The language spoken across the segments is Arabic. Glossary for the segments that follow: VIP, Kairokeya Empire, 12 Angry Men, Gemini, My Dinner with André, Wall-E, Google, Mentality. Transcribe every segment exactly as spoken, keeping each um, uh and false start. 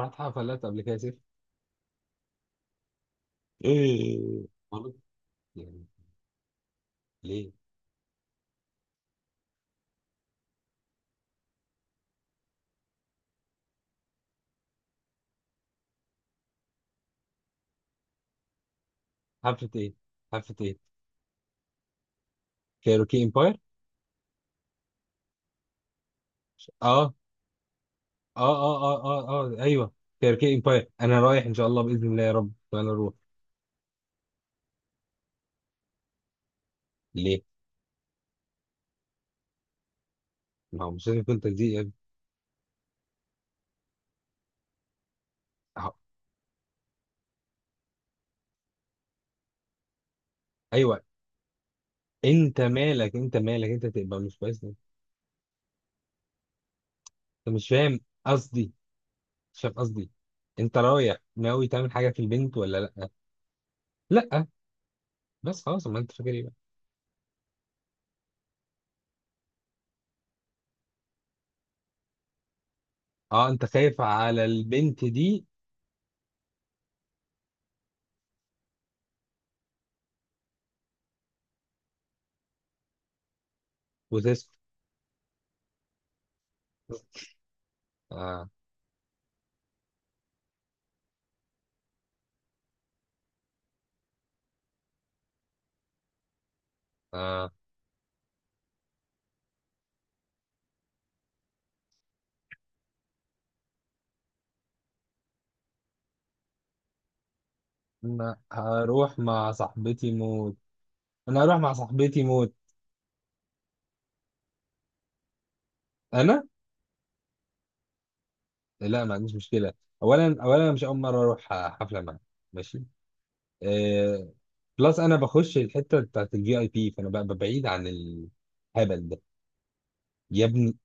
رحت حفلات قبل كده يا سيف؟ ايه؟ برضه؟ يعني ليه؟ حفلة ايه؟ حفلة ايه؟ كايروكي امباير. اه، اه، اه، اه، اه، اه، ايوه، كايروكي امباير، انا رايح ان شاء الله باذن الله يا رب انا اروح. ليه؟ ما هو مش لازم يكون تجديد يا ابني. أهو. ايوه. انت مالك، انت مالك، انت تبقى مش كويس ليه؟ انت مش فاهم قصدي. مش فاهم قصدي. انت رايح ناوي تعمل حاجه في البنت ولا لا؟ لا؟ بس خلاص، ما انت فاكر ايه بقى؟ اه، انت خايف على البنت دي وتسكت؟ آه. آه. انا هروح مع صاحبتي موت. انا هروح مع صاحبتي موت. انا، لا، ما عنديش مشكله. اولا اولا أنا مش اول مره اروح حفله معاها. ماشي. آه... بلس انا بخش الحته بتاعت الفي اي بي فانا ببقى بعيد عن الهبل ده. يا ابني،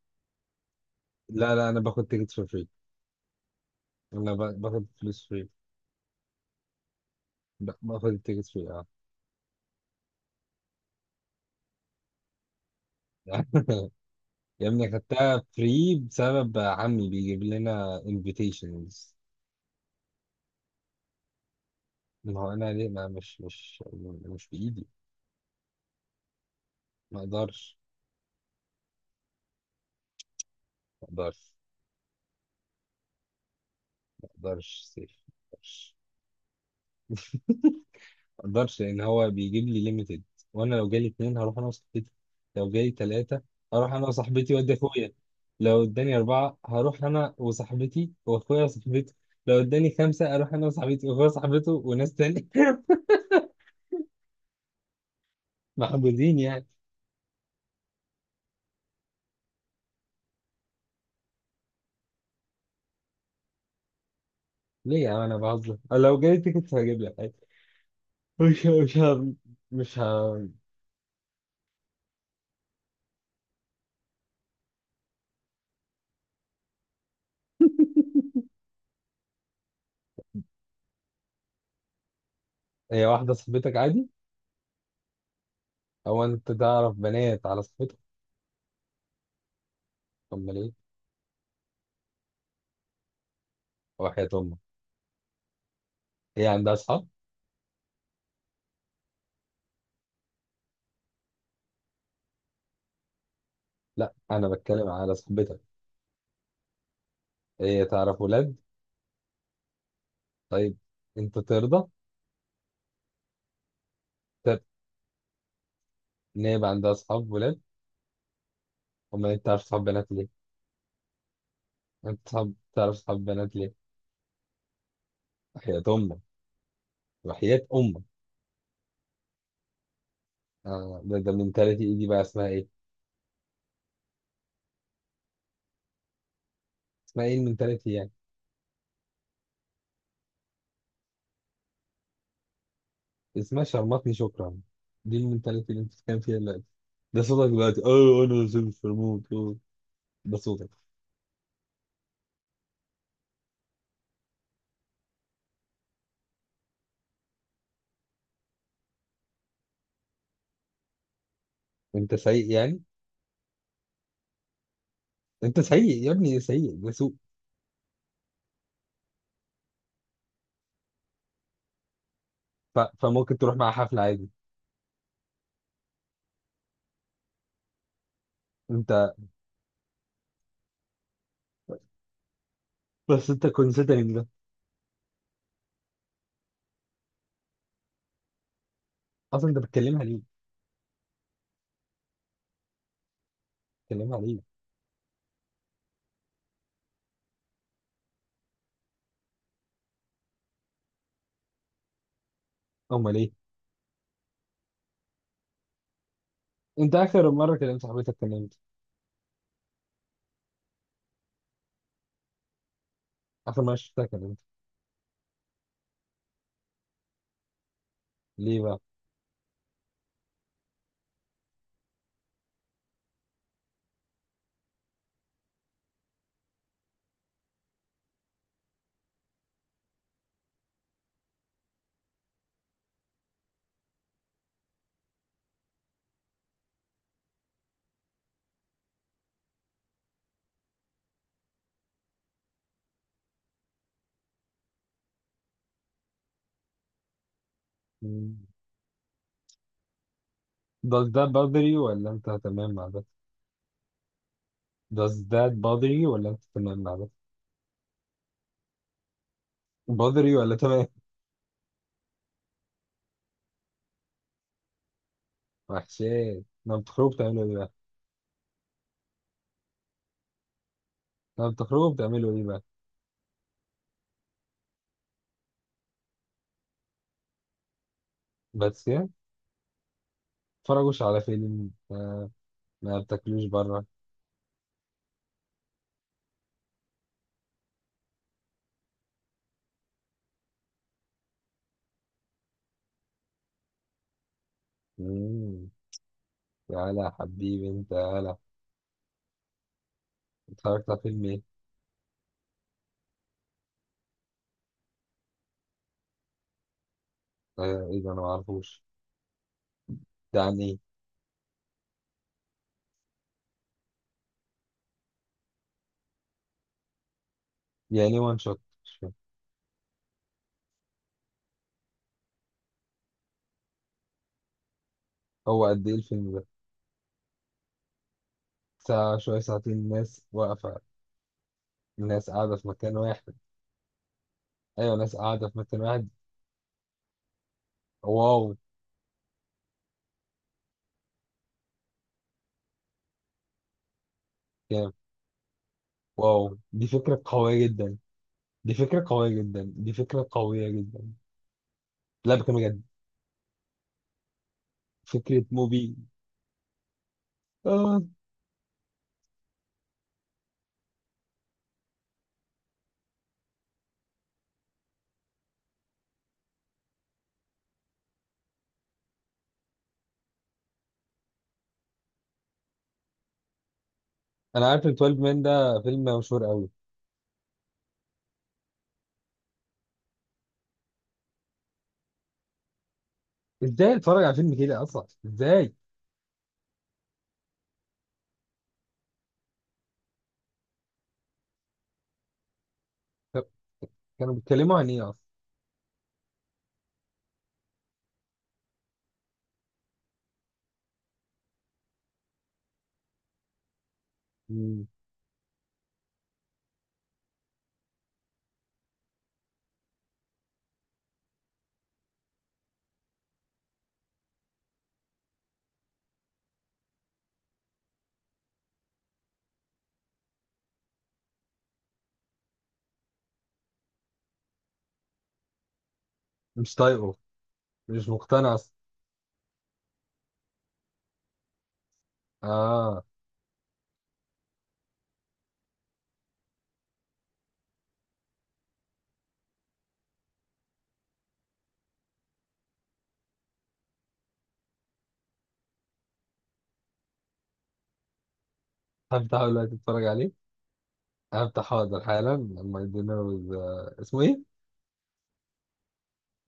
لا لا، انا باخد تيكتس فور فري. انا ب- باخد فلوس فري. باخد التيكتس فري، اه. يا ابني، خدتها فري بسبب عمي بيجيب لنا انفيتيشنز. ما هو انا ليه ما مش مش مش بايدي. ما اقدرش. ما اقدرش. مقدرش سيف. مقدرش. مقدرش لان هو بيجيب لي ليميتد، وانا لو جالي اتنين هروح انا وصاحبتي. لو جالي تلاتة هروح انا وصاحبتي وادي اخويا. لو اداني اربعة هروح انا وصاحبتي واخويا وصاحبته. لو اداني خمسة اروح انا وصاحبتي واخويا وصاحبته وناس تاني. محبوزين يعني. ليه يا عم؟ انا بهزر. لو جالي تيكت هجيب لك عادي. مش مش ه- مش ه- هي واحدة صاحبتك عادي؟ او انت تعرف بنات على صاحبتك؟ امال ايه؟ وحياة امك. هي عندها اصحاب؟ لا، انا بتكلم على صاحبتك. هي تعرف ولاد؟ طيب. انت ترضى؟ طب، ان هي يبقى عندها اصحاب ولاد؟ امال انت تعرف صحاب بنات ليه؟ انت صحاب تعرف صحاب بنات ليه؟ وحياة امك. وحياة امك. آه، ده ده المنتاليتي إيه دي بقى؟ اسمها ايه؟ اسمها ايه المنتاليتي يعني؟ اسمها شرمطني، شكرا. دي المنتاليتي اللي انت بتتكلم فيها دلوقتي. ده صوتك دلوقتي، اه. انا نزلت في الموت. آه. ده صوتك. انت سيء يعني؟ انت سيء يا ابني، سيء، ده سوء. ف... فممكن تروح مع حفلة عادي؟ انت بس انت كونسيدرنج. اصلا انت بتكلمها ليه؟ بتكلمها ليه؟ امال ايه؟ انت اخر مره كلمت صاحبتك كان امتى؟ اخر مره شفتها كان امتى؟ ليه بقى؟ مم. Does that bother you ولا انت تمام مع ده؟ Does that bother you ولا انت تمام مع ده؟ bother you ولا تمام؟ وحشات لما بتخرجوا بتعملوا ايه بقى؟ لما بتخرجوا بتعملوا ايه بقى؟ بس يعني، بتتفرجوش على فيلم؟ آه، ما بتاكلوش بره؟ مم. تعالى يا حبيبي، انت تعالى. اتفرجت على فيلم ايه؟ آه، ايه ده؟ انا معرفوش. ده عن ايه؟ يعني ايه وان شوت؟ مش فاهم. هو قد ايه الفيلم ده؟ ساعة شوية ساعتين، ناس واقفة، ناس قاعدة في مكان واحد؟ أيوة، ناس قاعدة في مكان واحد. واو. كام؟ واو، دي فكرة قوية جدا. دي فكرة قوية جدا. دي فكرة قوية جدا. لا، بكلم بجد. فكرة موبي. آه. أنا عارف ال اثنا عشر مان، ده فيلم مشهور قوي. إزاي أتفرج على فيلم كده أصلا؟ إزاي؟ طب، كانوا بيتكلموا عن إيه أصلا؟ مم. مش طايقه؟ مش مقتنع أصلا؟ آه. هفتحه دلوقتي، أتفرج عليه. هفتح حاضر حالا. my dinner with آه، اسمه إيه؟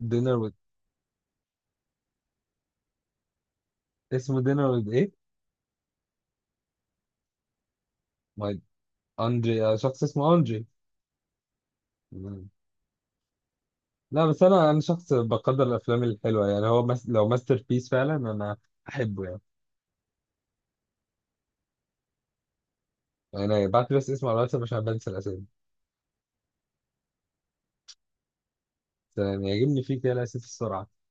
dinner؟ اسمه دينر ويز ايه؟ ماي. اندري؟ آه، شخص اسمه اندري. مم. لا، بس انا انا شخص بقدر الافلام الحلوه يعني. هو مس... لو ماستر بيس فعلا، انا احبه يعني. انا بعت بس اسمه على الواتساب عشان بنسى الاسامي. بس يعني يعجبني فيه كده الاسامي، السرعه.